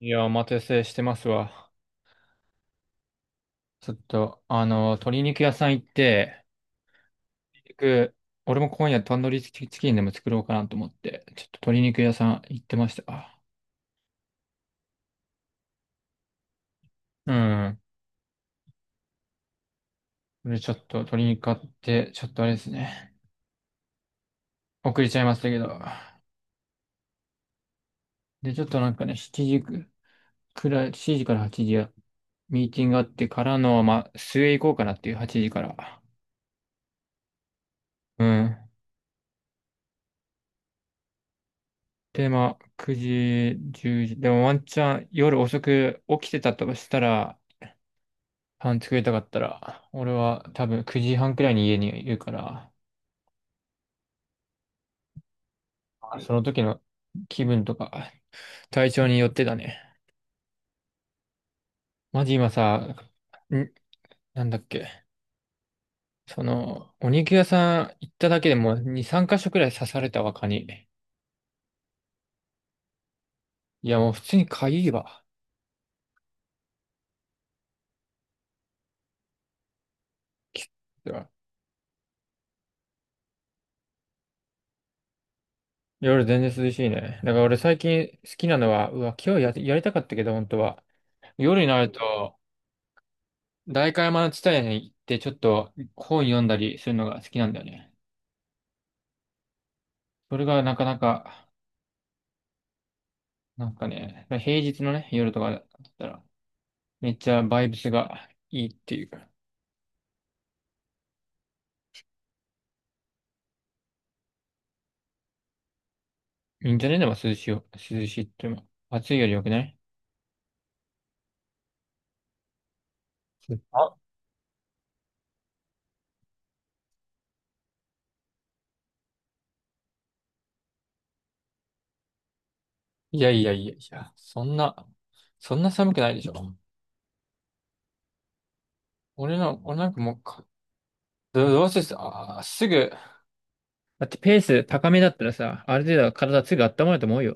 いや、お待たせしてますわ。ちょっと、鶏肉屋さん行って、鶏肉、俺も今夜タンドリーチキンでも作ろうかなと思って、ちょっと鶏肉屋さん行ってました。うん。これちょっと鶏肉買って、ちょっとあれですね。遅れちゃいましたけど。で、ちょっとなんかね、7時くらい、7時から8時や、ミーティングがあってからの、まあ、末行こうかなっていう8時から。うん。で、まあ、9時、10時。でもワンチャン夜遅く起きてたとしたら、パン作りたかったら、俺は多分9時半くらいに家にいるから、その時の気分とか、体調によってだね。マジ今さ、ん、なんだっけ。お肉屋さん行っただけでもう2、3箇所くらい刺されたわ、蚊に。いや、もう普通にかゆいわ。きっと。夜全然涼しいね。だから俺最近好きなのは、うわ、今日やりたかったけど、本当は。夜になると、代官山の地帯に行ってちょっと本読んだりするのが好きなんだよね。それがなかなか、なんかね、平日のね、夜とかだったら、めっちゃバイブスがいいっていうか、いいんじゃね？でも涼しいよ。涼しいっていうのも、暑いより良くない？あ、いやいやいやいや、そんな寒くないでしょ。俺なんかもうか、ど、どうせす、あー、すぐ、だってペース高めだったらさ、ある程度は体すぐ温まると思うよ。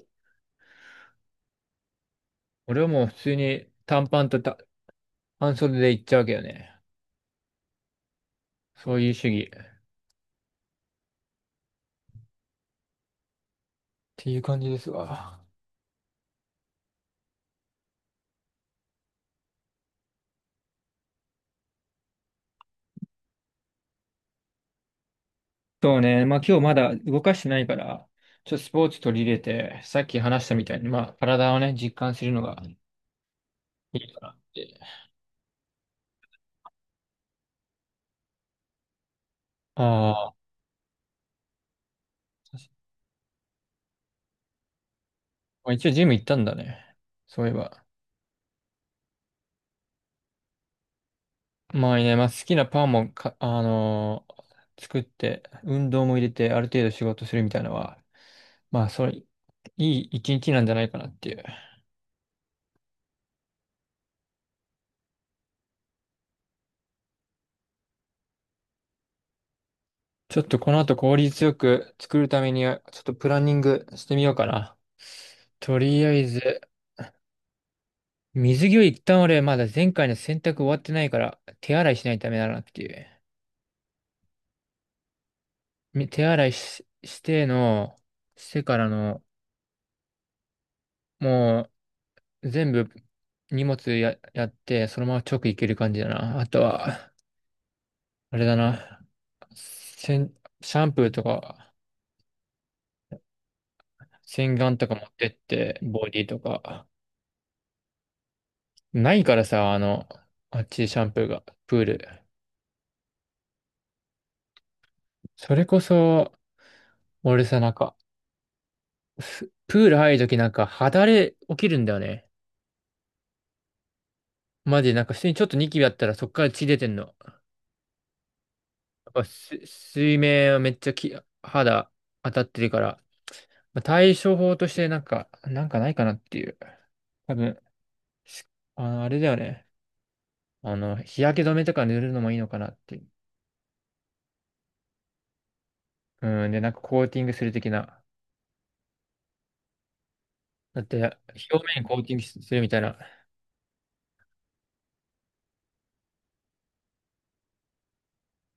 俺はもう普通に短パンと半袖で行っちゃうわけよね。そういう主義っていう感じですわ。そうね。まあ今日まだ動かしてないから、ちょっとスポーツ取り入れて、さっき話したみたいに、まあ体をね、実感するのがいいかなって。ああ、まあ、一応ジム行ったんだね、そういえば。まあね、まあ好きなパンもか、あのー作って、運動も入れて、ある程度仕事するみたいなのは、まあそれ、いい一日なんじゃないかなっていう。ちょっとこの後効率よく作るためには、ちょっとプランニングしてみようかな。とりあえず、水着を一旦俺まだ前回の洗濯終わってないから手洗いしないとダメだなっていう。手洗いし、しての、してからの、もう全部荷物や、やって、そのまま直行ける感じだな。あとは、あれだな。せんシャンプーとか洗顔とか持ってって、ボディとか。ないからさ、あっちシャンプーが、プール。それこそ、俺さ、なんか、プール入るときなんか肌荒れ起きるんだよね。マジでなんか普通にちょっとニキビあったらそっから血出てんの。やっぱ水面はめっちゃ肌当たってるから、まあ、対処法としてなんか、ないかなっていう。多分、あれだよね。日焼け止めとか塗るのもいいのかなっていう。うん、で、なんかコーティングする的な。だって、表面コーティングするみたいな。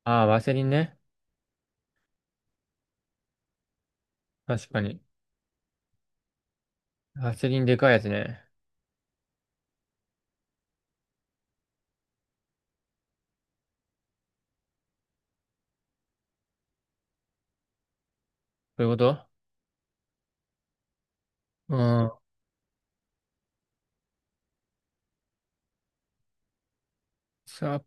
ああ、ワセリンね。確かに。ワセリンでかいやつね。そういうこと。うん。さ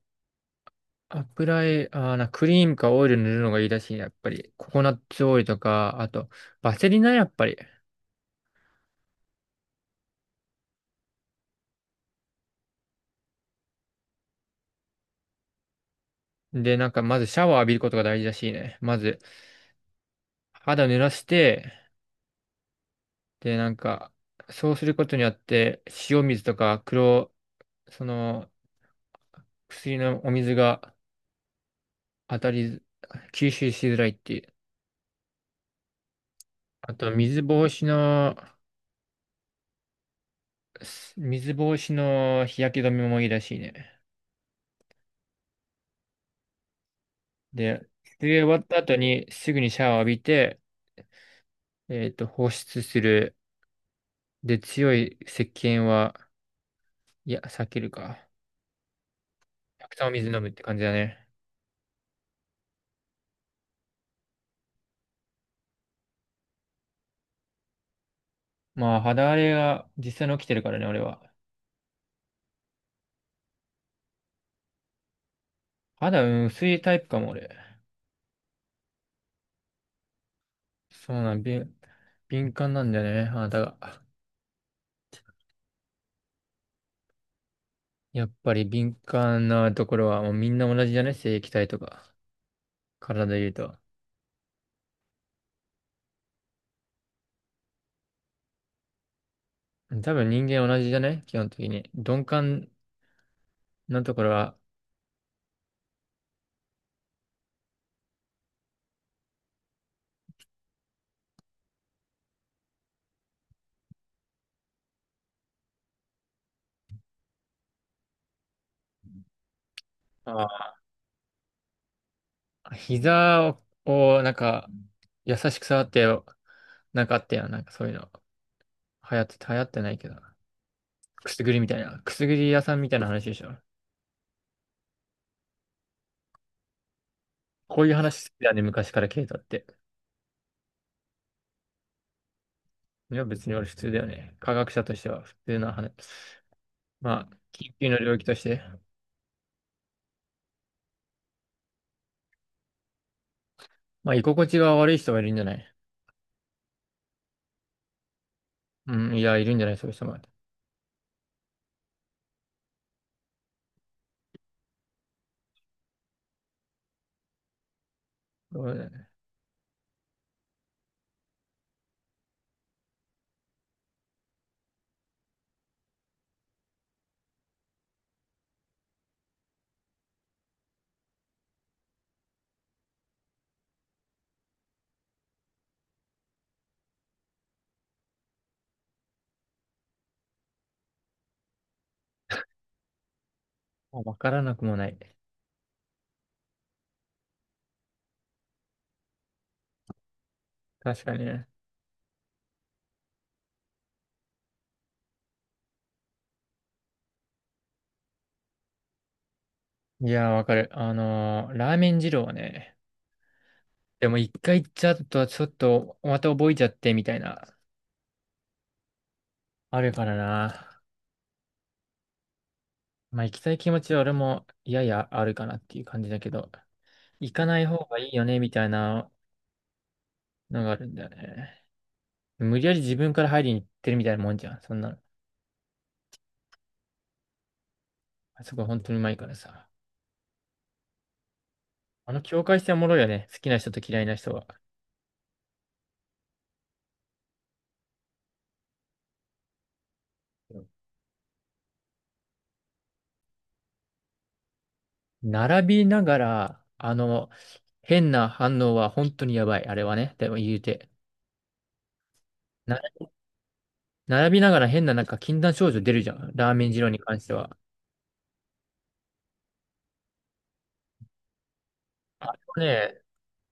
油絵、あーな、クリームかオイル塗るのがいいらしいね、やっぱり。ココナッツオイルとか、あと、バセリナ、やっぱり。で、なんか、まずシャワー浴びることが大事らしいね。まず、肌濡らして、で、なんか、そうすることによって、塩水とかその、薬のお水が当たり、吸収しづらいっていう。あと、水防止の日焼け止めもいいらしいね。で、水泳終わった後に、すぐにシャワー浴びて、放出する。で、強い石鹸は、いや、避けるか。たくさんお水飲むって感じだね。まあ、肌荒れが実際に起きてるからね、俺は。肌、うん、薄いタイプかも、俺。そうなん、敏感なんだよね、肌が。やっぱり敏感なところは、もうみんな同じじゃね？正液体とか、体で言うと。多分人間同じじゃね？基本的に。鈍感なところは、あ膝をなんか、優しく触ってよ、なんかあったやん。なんかそういうの。流行って、流行ってないけど。くすぐりみたいな。くすぐり屋さんみたいな話でしょ。こういう話好きだね、昔からケイトって。いや、別に俺普通だよね。科学者としては普通な話。まあ、緊急の領域として。まあ、居心地が悪い人はいるんじゃない？うん、いや、いるんじゃない、そういう人も。そうだよね。まあわからなくもない。確かにね。いや、わかる。ラーメン二郎はね、でも一回行っちゃうと、ちょっと、また覚えちゃってみたいな、あるからな。まあ行きたい気持ちは俺もややあるかなっていう感じだけど、行かない方がいいよね、みたいなのがあるんだよね。無理やり自分から入りに行ってるみたいなもんじゃん、そんなの。あそこ本当にうまいからさ。あの境界線おもろいよね、好きな人と嫌いな人は。並びながら、変な反応は本当にやばい、あれはね。でも言うて。な、並びながら変ななんか禁断症状出るじゃん、ラーメン二郎に関しては。あれはね、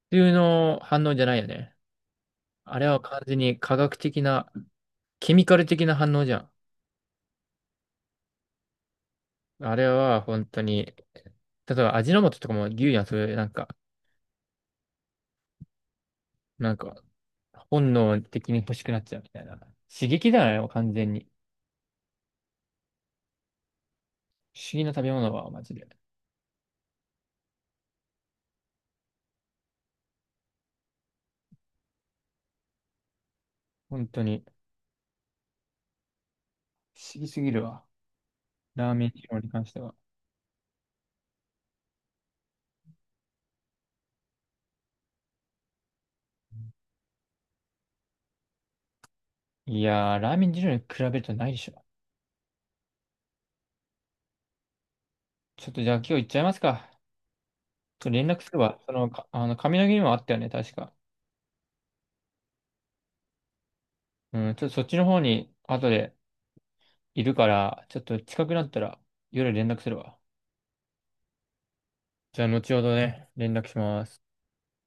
普通の反応じゃないよね。あれは完全に科学的な、ケミカル的な反応じゃん。あれは本当に、例えば味の素とかも言うやん、それなんか、なんか、本能的に欲しくなっちゃうみたいな。刺激だよね、完全に。不思議な食べ物は、マジで。本当に、不思議すぎるわ、ラーメン二郎に関しては。いやー、ラーメン二郎に比べるとないでしょ。ちょっとじゃあ今日行っちゃいますか。ちょっと連絡すれば、その、かあの、髪の毛にもあったよね、確か。うん、ちょっとそっちの方に、後で、いるから、ちょっと近くなったら夜連絡するわ。じゃあ、後ほどね、連絡します。